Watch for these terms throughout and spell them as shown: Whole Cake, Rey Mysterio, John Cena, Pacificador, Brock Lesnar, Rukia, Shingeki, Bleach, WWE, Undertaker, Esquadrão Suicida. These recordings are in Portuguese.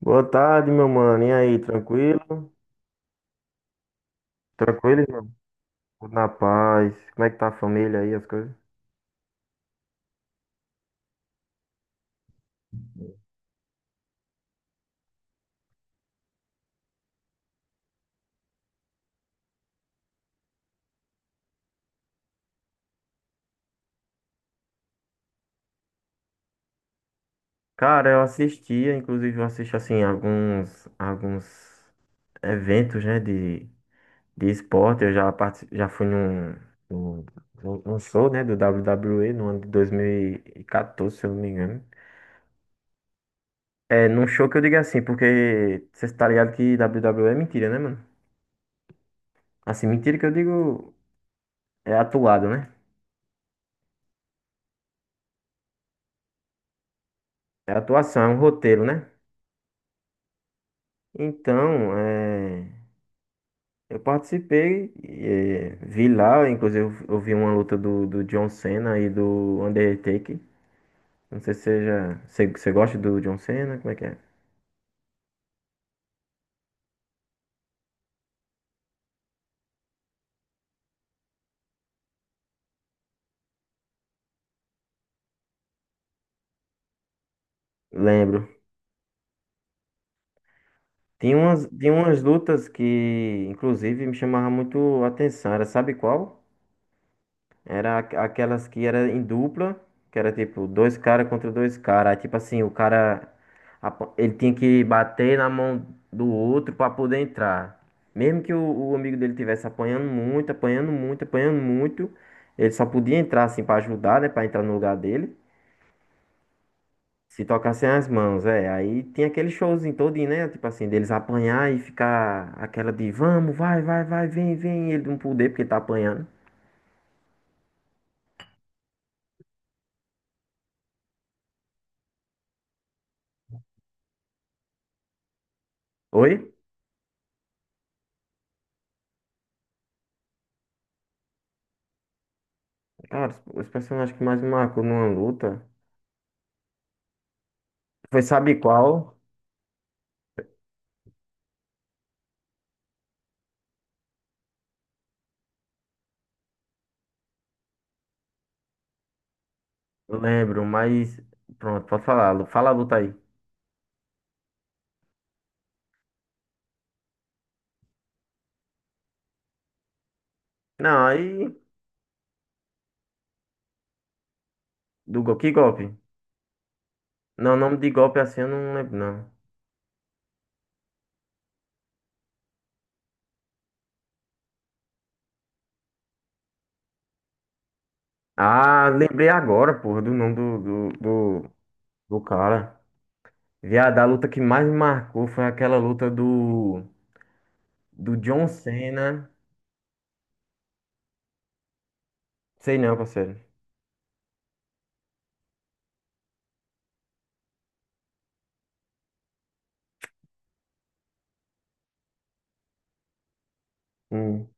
Boa tarde, meu mano. E aí, tranquilo? Tranquilo, irmão? Tudo na paz. Como é que tá a família aí, as coisas? Cara, eu assistia, inclusive eu assisto assim alguns eventos, né, de esporte. Já fui num, num show, né, do WWE no ano de 2014, se eu não me engano. É, num show que eu digo assim, porque você tá ligado que WWE é mentira, né, mano? Assim, mentira que eu digo é atuado, né? É atuação, é um roteiro, né? Então, é, eu participei, é, vi lá, inclusive eu vi uma luta do John Cena e do Undertaker. Não sei se você já, você gosta do John Cena, como é que é? Lembro. Tinha umas lutas que, inclusive, me chamavam muito a atenção. Era, sabe qual? Aquelas que era em dupla, que era tipo dois caras contra dois caras. Aí, tipo assim, o cara ele tinha que bater na mão do outro pra poder entrar. Mesmo que o amigo dele tivesse apanhando muito, apanhando muito, apanhando muito, ele só podia entrar assim pra ajudar, né, pra entrar no lugar dele. Se tocassem as mãos, é. Aí tinha aquele showzinho todinho, né? Tipo assim, deles apanhar e ficar aquela de vamos, vai, vai, vai, vem, vem, e ele não poder porque tá apanhando. Oi? Cara, os personagens que mais me marcou numa luta foi, sabe qual? Eu lembro, mas. Pronto, pode falar. Fala a luta aí. Não, aí. Do gol. Que golpe? Não, o nome de golpe assim eu não lembro, não. Ah, lembrei agora, porra, do nome do cara. Viado, a luta que mais me marcou foi aquela luta do. Do John Cena. Sei não, parceiro. Hum.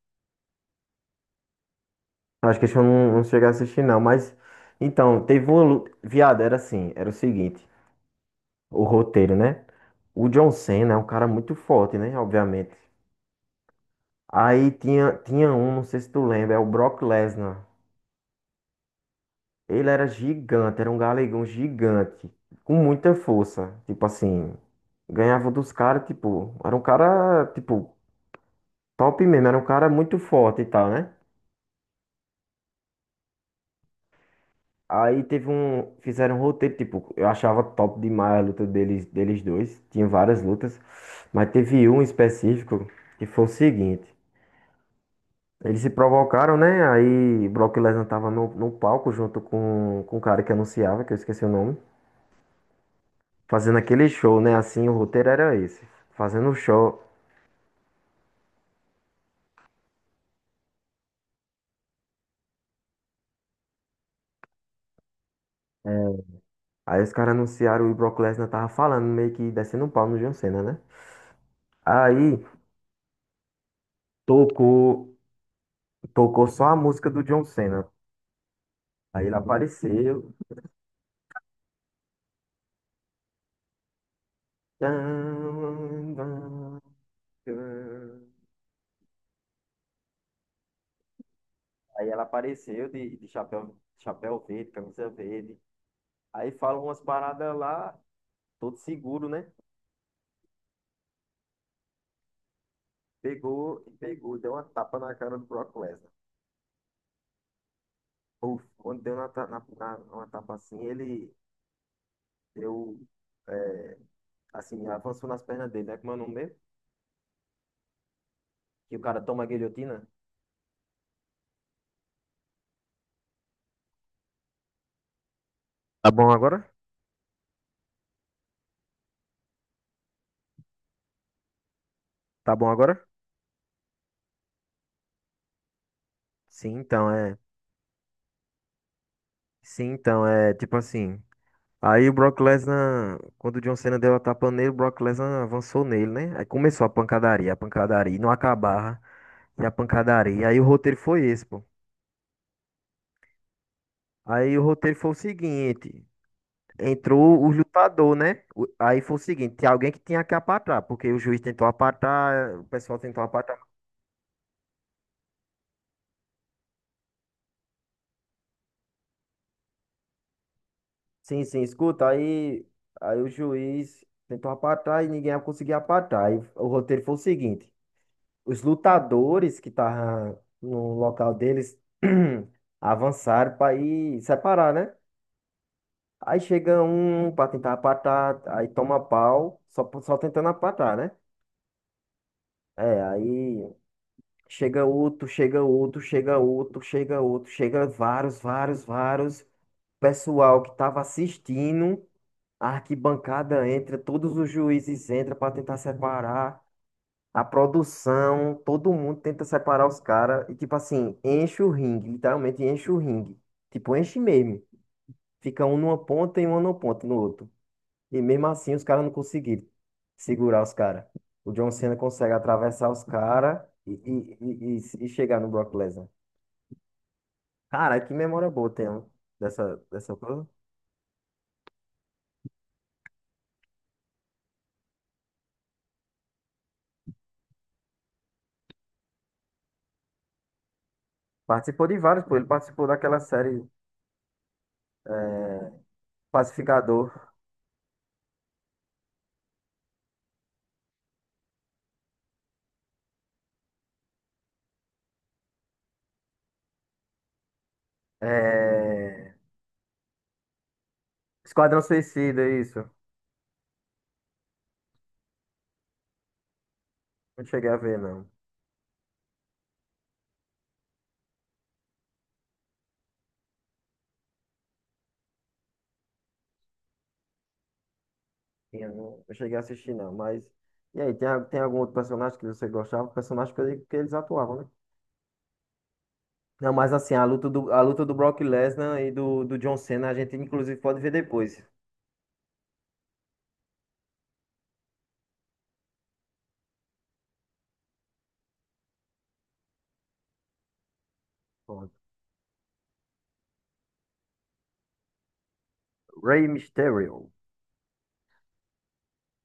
Acho que esse eu não cheguei a assistir, não. Mas. Então, teve uma luta. Viado, era assim. Era o seguinte. O roteiro, né? O John Cena é um cara muito forte, né? Obviamente. Aí tinha um, não sei se tu lembra, é o Brock Lesnar. Ele era gigante, era um galegão gigante, com muita força. Tipo assim, ganhava dos caras, tipo, era um cara, tipo, top mesmo, era um cara muito forte e tal, né? Aí teve um, fizeram um roteiro, tipo, eu achava top demais a luta deles, deles dois, tinha várias lutas, mas teve um específico que foi o seguinte. Eles se provocaram, né? Aí Brock Lesnar tava no palco junto com o cara que anunciava, que eu esqueci o nome, fazendo aquele show, né? Assim, o roteiro era esse, fazendo o show. É, aí os caras anunciaram e Brock Lesnar tava falando, meio que descendo um pau no John Cena, né? Aí tocou, tocou só a música do John Cena. Aí ele apareceu. Tan, tan, tan. Aí ela apareceu de chapéu, chapéu verde, camisa verde. Aí fala umas paradas lá. Todo seguro, né? Pegou e pegou, deu uma tapa na cara do Brock Lesnar. Puf, quando deu na, ta- na- na- uma tapa assim, ele deu, é, assim, avançou nas pernas dele, né? Como é o nome mesmo? Que o cara toma a guilhotina. Tá bom agora? Tá bom agora? Sim, então é. Sim, então é tipo assim. Aí o Brock Lesnar, quando o John Cena deu a tapa nele, o Brock Lesnar avançou nele, né? Aí começou a pancadaria, e não acabava. E a pancadaria. Aí o roteiro foi esse, pô. Aí o roteiro foi o seguinte. Entrou os lutadores, né? Aí foi o seguinte, tinha alguém que tinha que apatar, porque o juiz tentou apatar, o pessoal tentou apatar. Sim, Escuta, aí, aí o juiz tentou apatar e ninguém conseguia apatar. Aí o roteiro foi o seguinte, os lutadores que estavam no local deles avançaram para ir separar, né? Aí chega um para tentar apatar, aí toma pau, só tentando apatar, né? É, aí chega outro, chega outro, chega outro, chega outro, chega vários, vários, vários. Pessoal que estava assistindo, a arquibancada entra, todos os juízes entram para tentar separar a produção, todo mundo tenta separar os caras e tipo assim, enche o ringue, literalmente enche o ringue. Tipo, enche mesmo. Fica um numa ponta e um numa ponta no outro. E mesmo assim os caras não conseguiram segurar os caras. O John Cena consegue atravessar os caras e chegar no Brock Lesnar. Cara, que memória boa tem ó, dessa coisa. Participou de vários, pô. Ele participou daquela série Pacificador. É... Esquadrão Suicida, isso. Não cheguei a ver, não. Eu não cheguei a assistir, não. Mas. E aí, tem algum outro personagem que você gostava? Personagem que, que eles atuavam, né? Não, mas assim, a luta do Brock Lesnar e do John Cena, a gente inclusive pode ver depois. Pronto. Rey Mysterio.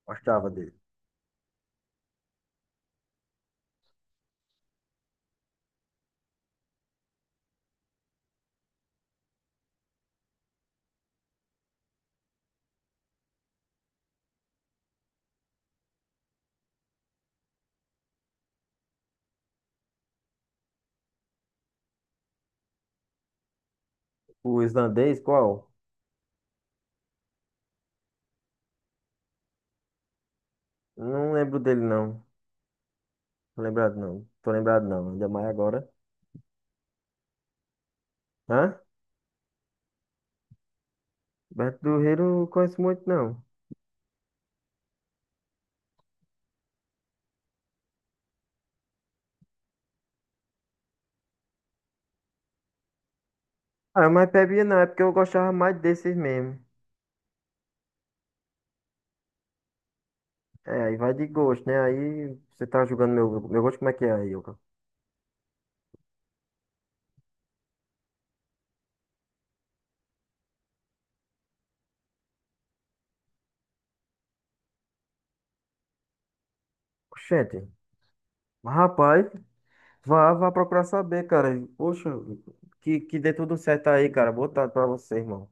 Gostava dele. O islandês, qual? Não lembro dele, não. Tô lembrado não. Tô lembrado não. Ainda mais agora. Hã? Beto do Rio não conheço muito não. Ah, mas bebia não. É porque eu gostava mais desses mesmo. É, aí vai de gosto, né? Aí você tá julgando meu gosto, como é que é aí, Ilka? Oxente. Mas, rapaz, vá procurar saber, cara. Poxa, que dê tudo certo aí, cara. Boa tarde pra você, irmão.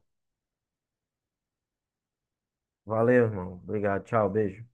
Valeu, irmão. Obrigado. Tchau, beijo.